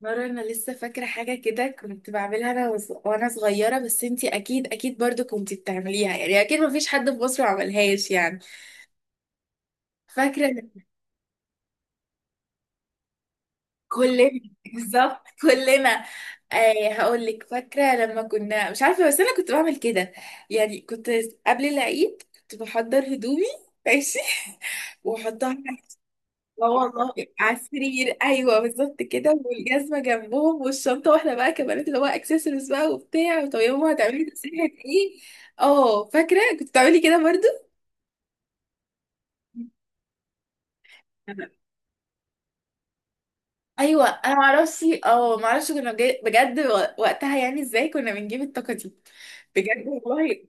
مرة أنا لسه فاكرة حاجة كده كنت بعملها أنا وز- وأنا صغيرة، بس أنتي أكيد برضو كنتي بتعمليها. يعني أكيد مفيش حد في مصر ما عملهاش يعني. فاكرة لما كلنا بالظبط كلنا. آه هقولك، فاكرة لما كنا مش عارفة، بس أنا كنت بعمل كده، يعني كنت قبل العيد كنت بحضر هدومي. ماشي وأحطها. اه والله، على السرير، ايوه بالظبط كده، والجزمه جنبهم والشنطه، واحنا بقى كبنات اللي هو اكسسوارز بقى وبتاع. طب يا ماما هتعملي تسريحه ايه؟ اه فاكره كنت بتعملي كده برضو. ايوه انا معرفش، معرفش كنا بجد وقتها يعني ازاي كنا بنجيب الطاقه دي. بجد والله.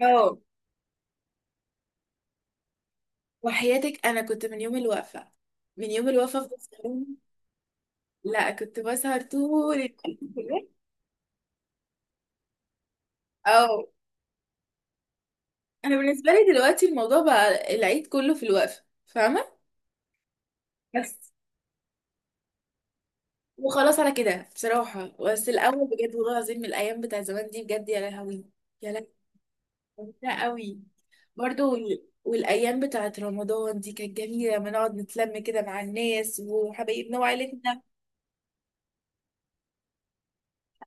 اه، وحياتك انا كنت من يوم الوقفه، من يوم الوقفه في الصالون. لا كنت بسهر طول الوقت. اه، انا بالنسبه لي دلوقتي الموضوع بقى العيد كله في الوقفه، فاهمه. بس وخلاص على كده بصراحه، بس الاول بجد والله العظيم من الايام بتاع زمان دي، بجد يا لهوي. يا لهوي ممتعة قوي. برضو وال- والايام بتاعت رمضان دي كانت جميله لما نقعد نتلم كده مع الناس وحبايبنا وعيلتنا.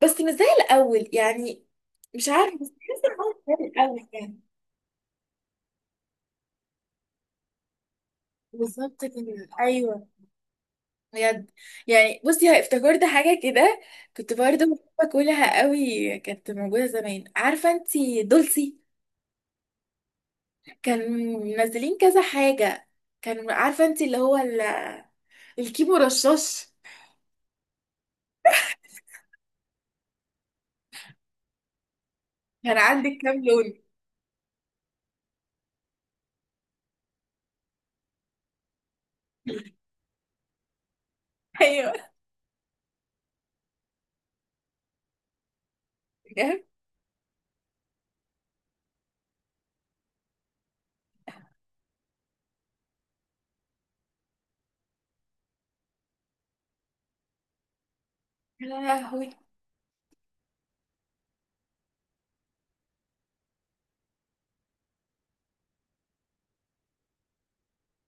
بس مش زي الاول يعني. مش عارفه، بس بحس إن هو مش زي الاول يعني. بالظبط كده، ايوه بجد. يعني بصي، افتكرت حاجة كده، كنت برضه باكلها قوي، كانت موجودة زمان، عارفة انتي دولسي؟ كان منزلين كذا حاجة. كان عارفة انتي اللي هو الكيمو رشاش؟ كان عندك كام لون؟ ايوه، بجد؟ يا لهوي،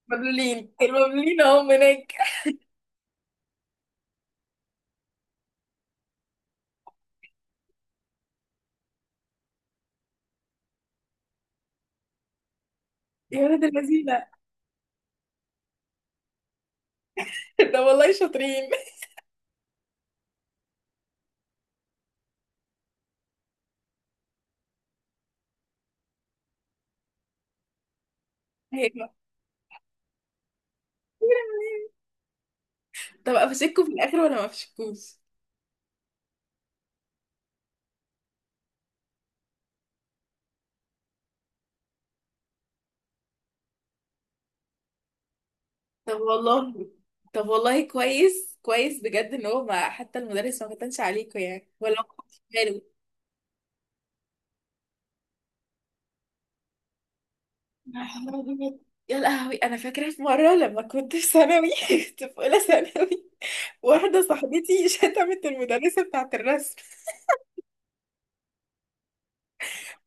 مبلولين المبلولين اهم هناك. يا ولاد اللذينة ده والله شاطرين. ايوه. طب افشكوا في الاخر ولا ما افشكوش؟ طب والله، طب والله كويس كويس، بجد ان هو ما حتى المدرس ما كتنش عليكوا يعني ولا هو ما خدش باله. يا حلوة بجد. يا لهوي، انا فاكره في مره لما كنت في ثانوي، كنت في اولى ثانوي، واحده صاحبتي شتمت المدرسه بتاعه الرسم.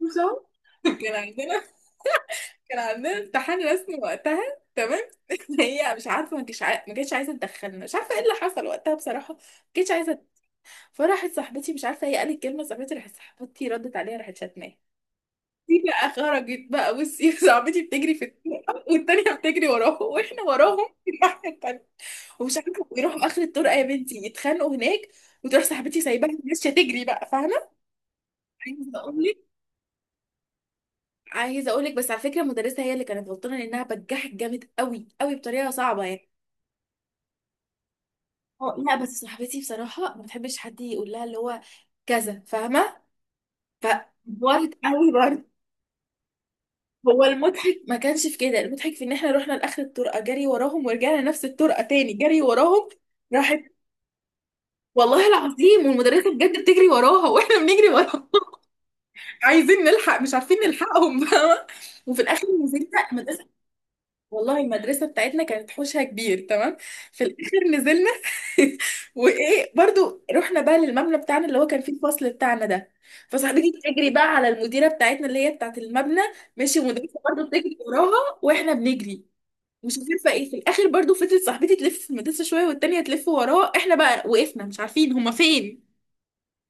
مش عارفة. كان عندنا، كان عندنا امتحان رسم وقتها، تمام. هي مش عارفه، ما كانتش عايزه تدخلنا، مش عارفه ايه اللي حصل وقتها بصراحه، ما كانتش عايزه. فراحت صاحبتي، مش عارفه هي قالت كلمه، صاحبتي راحت، صاحبتي ردت عليها، راحت شتماها. دي بقى خرجت بقى، بصي، صاحبتي بتجري في الطرقه والتانيه بتجري وراهم، واحنا وراهم في الناحيه التانيه. ومش عارفه، ويروحوا اخر الطرقه يا بنتي يتخانقوا هناك، وتروح صاحبتي سايباها ماشيه تجري بقى، فاهمه. عايزه اقول لك، عايزه اقول لك بس على فكره المدرسه هي اللي كانت غلطانه لانها بجحت جامد قوي قوي بطريقه صعبه يعني. اه، لا بس صاحبتي بصراحه ما بتحبش حد يقول لها اللي هو كذا، فاهمه؟ فورت قوي برضه. هو المضحك ما كانش في كده، المضحك في ان احنا رحنا لاخر الطرقه جري وراهم ورجعنا نفس الطرقه تاني جري وراهم. راحت، والله العظيم والمدرسه بجد بتجري وراها واحنا بنجري وراها. عايزين نلحق، مش عارفين نلحقهم، فاهمه. وفي الاخر نزلنا المدرسه، والله المدرسه بتاعتنا كانت حوشها كبير تمام. في الاخر نزلنا وايه، برضو رحنا بقى للمبنى بتاعنا اللي هو كان فيه الفصل بتاعنا ده. فصاحبتي بتجري بقى على المديره بتاعتنا اللي هي بتاعت المبنى. ماشي، المدرسه برضو بتجري وراها واحنا بنجري. مش عارفه ايه. في الاخر برضو فضلت صاحبتي تلف في المدرسه شويه والتانيه تلف وراه، احنا بقى وقفنا مش عارفين هما فين.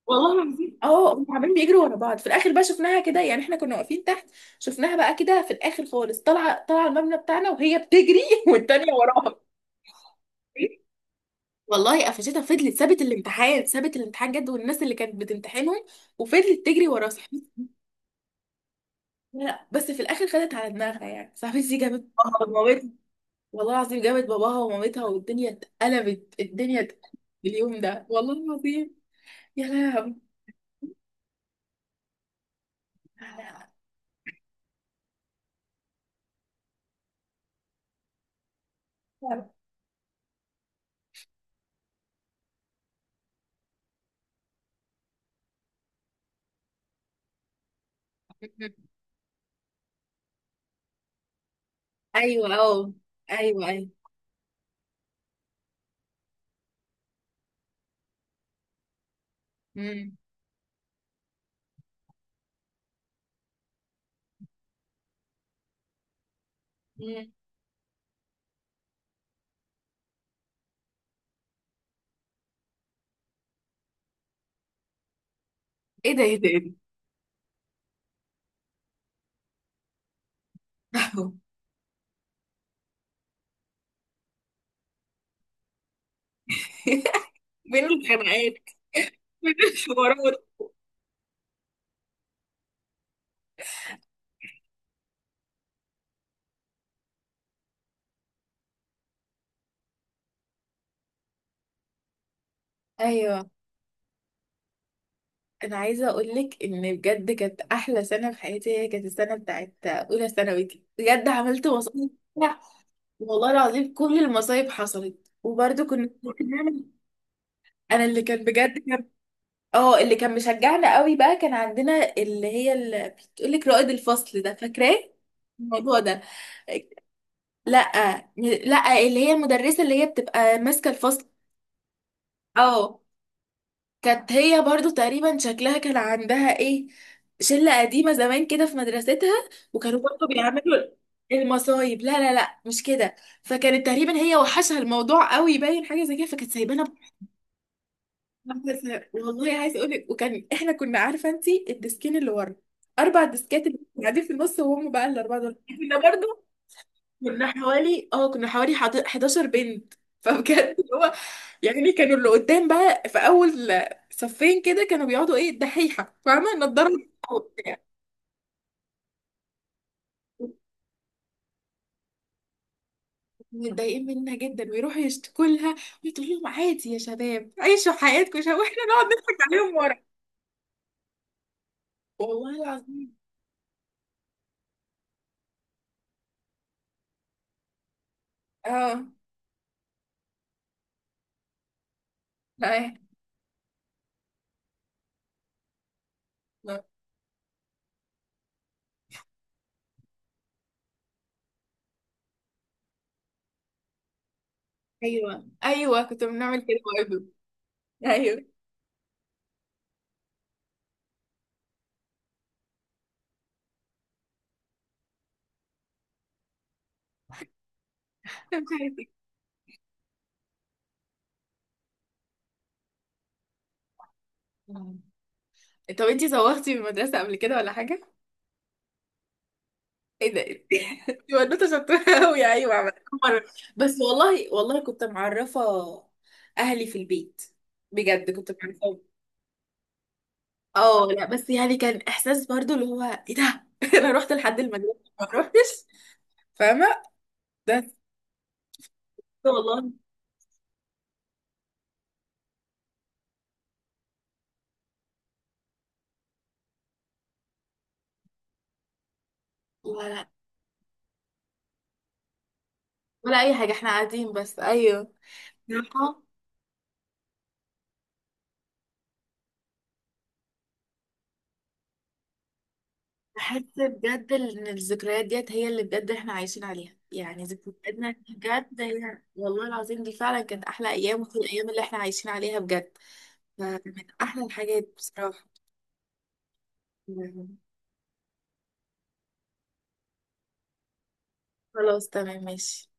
والله العظيم اه، هم عمالين بيجروا ورا بعض. في الاخر بقى شفناها كده، يعني احنا كنا واقفين تحت. شفناها بقى كده في الاخر خالص، طالعه طالعه المبنى بتاعنا وهي بتجري، والتانيه وراها. والله قفشتها، فضلت سابت الامتحان، سابت الامتحان جد والناس اللي كانت بتمتحنهم، وفضلت تجري ورا صاحبتي. لا لا، بس في الاخر خدت على دماغها، يعني صاحبتي دي جابت، والله العظيم جابت باباها ومامتها والدنيا اتقلبت، الدنيا اتقلبت اليوم ده والله العظيم. يا لهوي. ايوه اه، ايوه ايوه. مم. مم. ايه ده، ايه ده، ايه ده؟ أهو. بين الخناقات، بين الحوارات، ايوه. انا عايزه اقول لك ان بجد كانت احلى سنه في حياتي، هي كانت السنه بتاعت اولى ثانوي دي، بجد عملت مصايب. لا، والله العظيم كل المصايب حصلت، وبرده كنا بنعمل- انا اللي كان بجد، اه اللي كان مشجعنا قوي بقى كان عندنا اللي هي، اللي بتقولك رائد الفصل ده، فاكراه الموضوع ده؟ لا لا اللي هي المدرسة اللي هي بتبقى ماسكة الفصل. اه، كانت هي برضو تقريبا شكلها كان عندها ايه، شلة قديمة زمان كده في مدرستها، وكانوا برضو بيعملوا المصايب. لا مش كده، فكانت تقريبا هي وحشها الموضوع قوي باين حاجة زي كده، فكانت سايبانا. بس والله عايز اقول لك، وكان احنا كنا عارفه انت الديسكين اللي ورا، اربع ديسكات اللي كانوا قاعدين في النص، وهم بقى الاربعه دول كنا برضو. كنا حوالي اه كنا حوالي 11 بنت، فبجد اللي هو يعني، كانوا اللي قدام بقى في اول صفين كده كانوا بيقعدوا ايه، الدحيحه، فاهمه، نضاره وبتاع، متضايقين منها جدا ويروحوا يشتكوا لها، وتقول لهم عادي يا شباب، عيشوا حياتكم شباب، واحنا نقعد نضحك عليهم ورا. والله العظيم. اه لا، ايوه ايوه كنت بنعمل كده برضه. ايوه أنا مش عارفة. طب انتي زوغتي من المدرسة قبل كده ولا حاجة؟ ايه ده، دي بنوته شطوره قوي، ايوه عملت مرة، بس والله والله كنت معرفه اهلي في البيت، بجد كنت معرفه. اه لا، بس يعني كان احساس برضو اللي هو، ايه ده، انا رحت لحد المدرسه ما روحتش، فاهمه؟ بس والله، لا لا، ولا أي حاجة، احنا قاعدين بس، أيوه. بحس بجد ان الذكريات ديت هي اللي بجد احنا عايشين عليها، يعني ذكرياتنا دي بجد هي والله العظيم دي فعلا كانت احلى ايام، وفي الايام اللي احنا عايشين عليها بجد. فمن احلى الحاجات بصراحة، يعني. خلاص تمام، ماشي.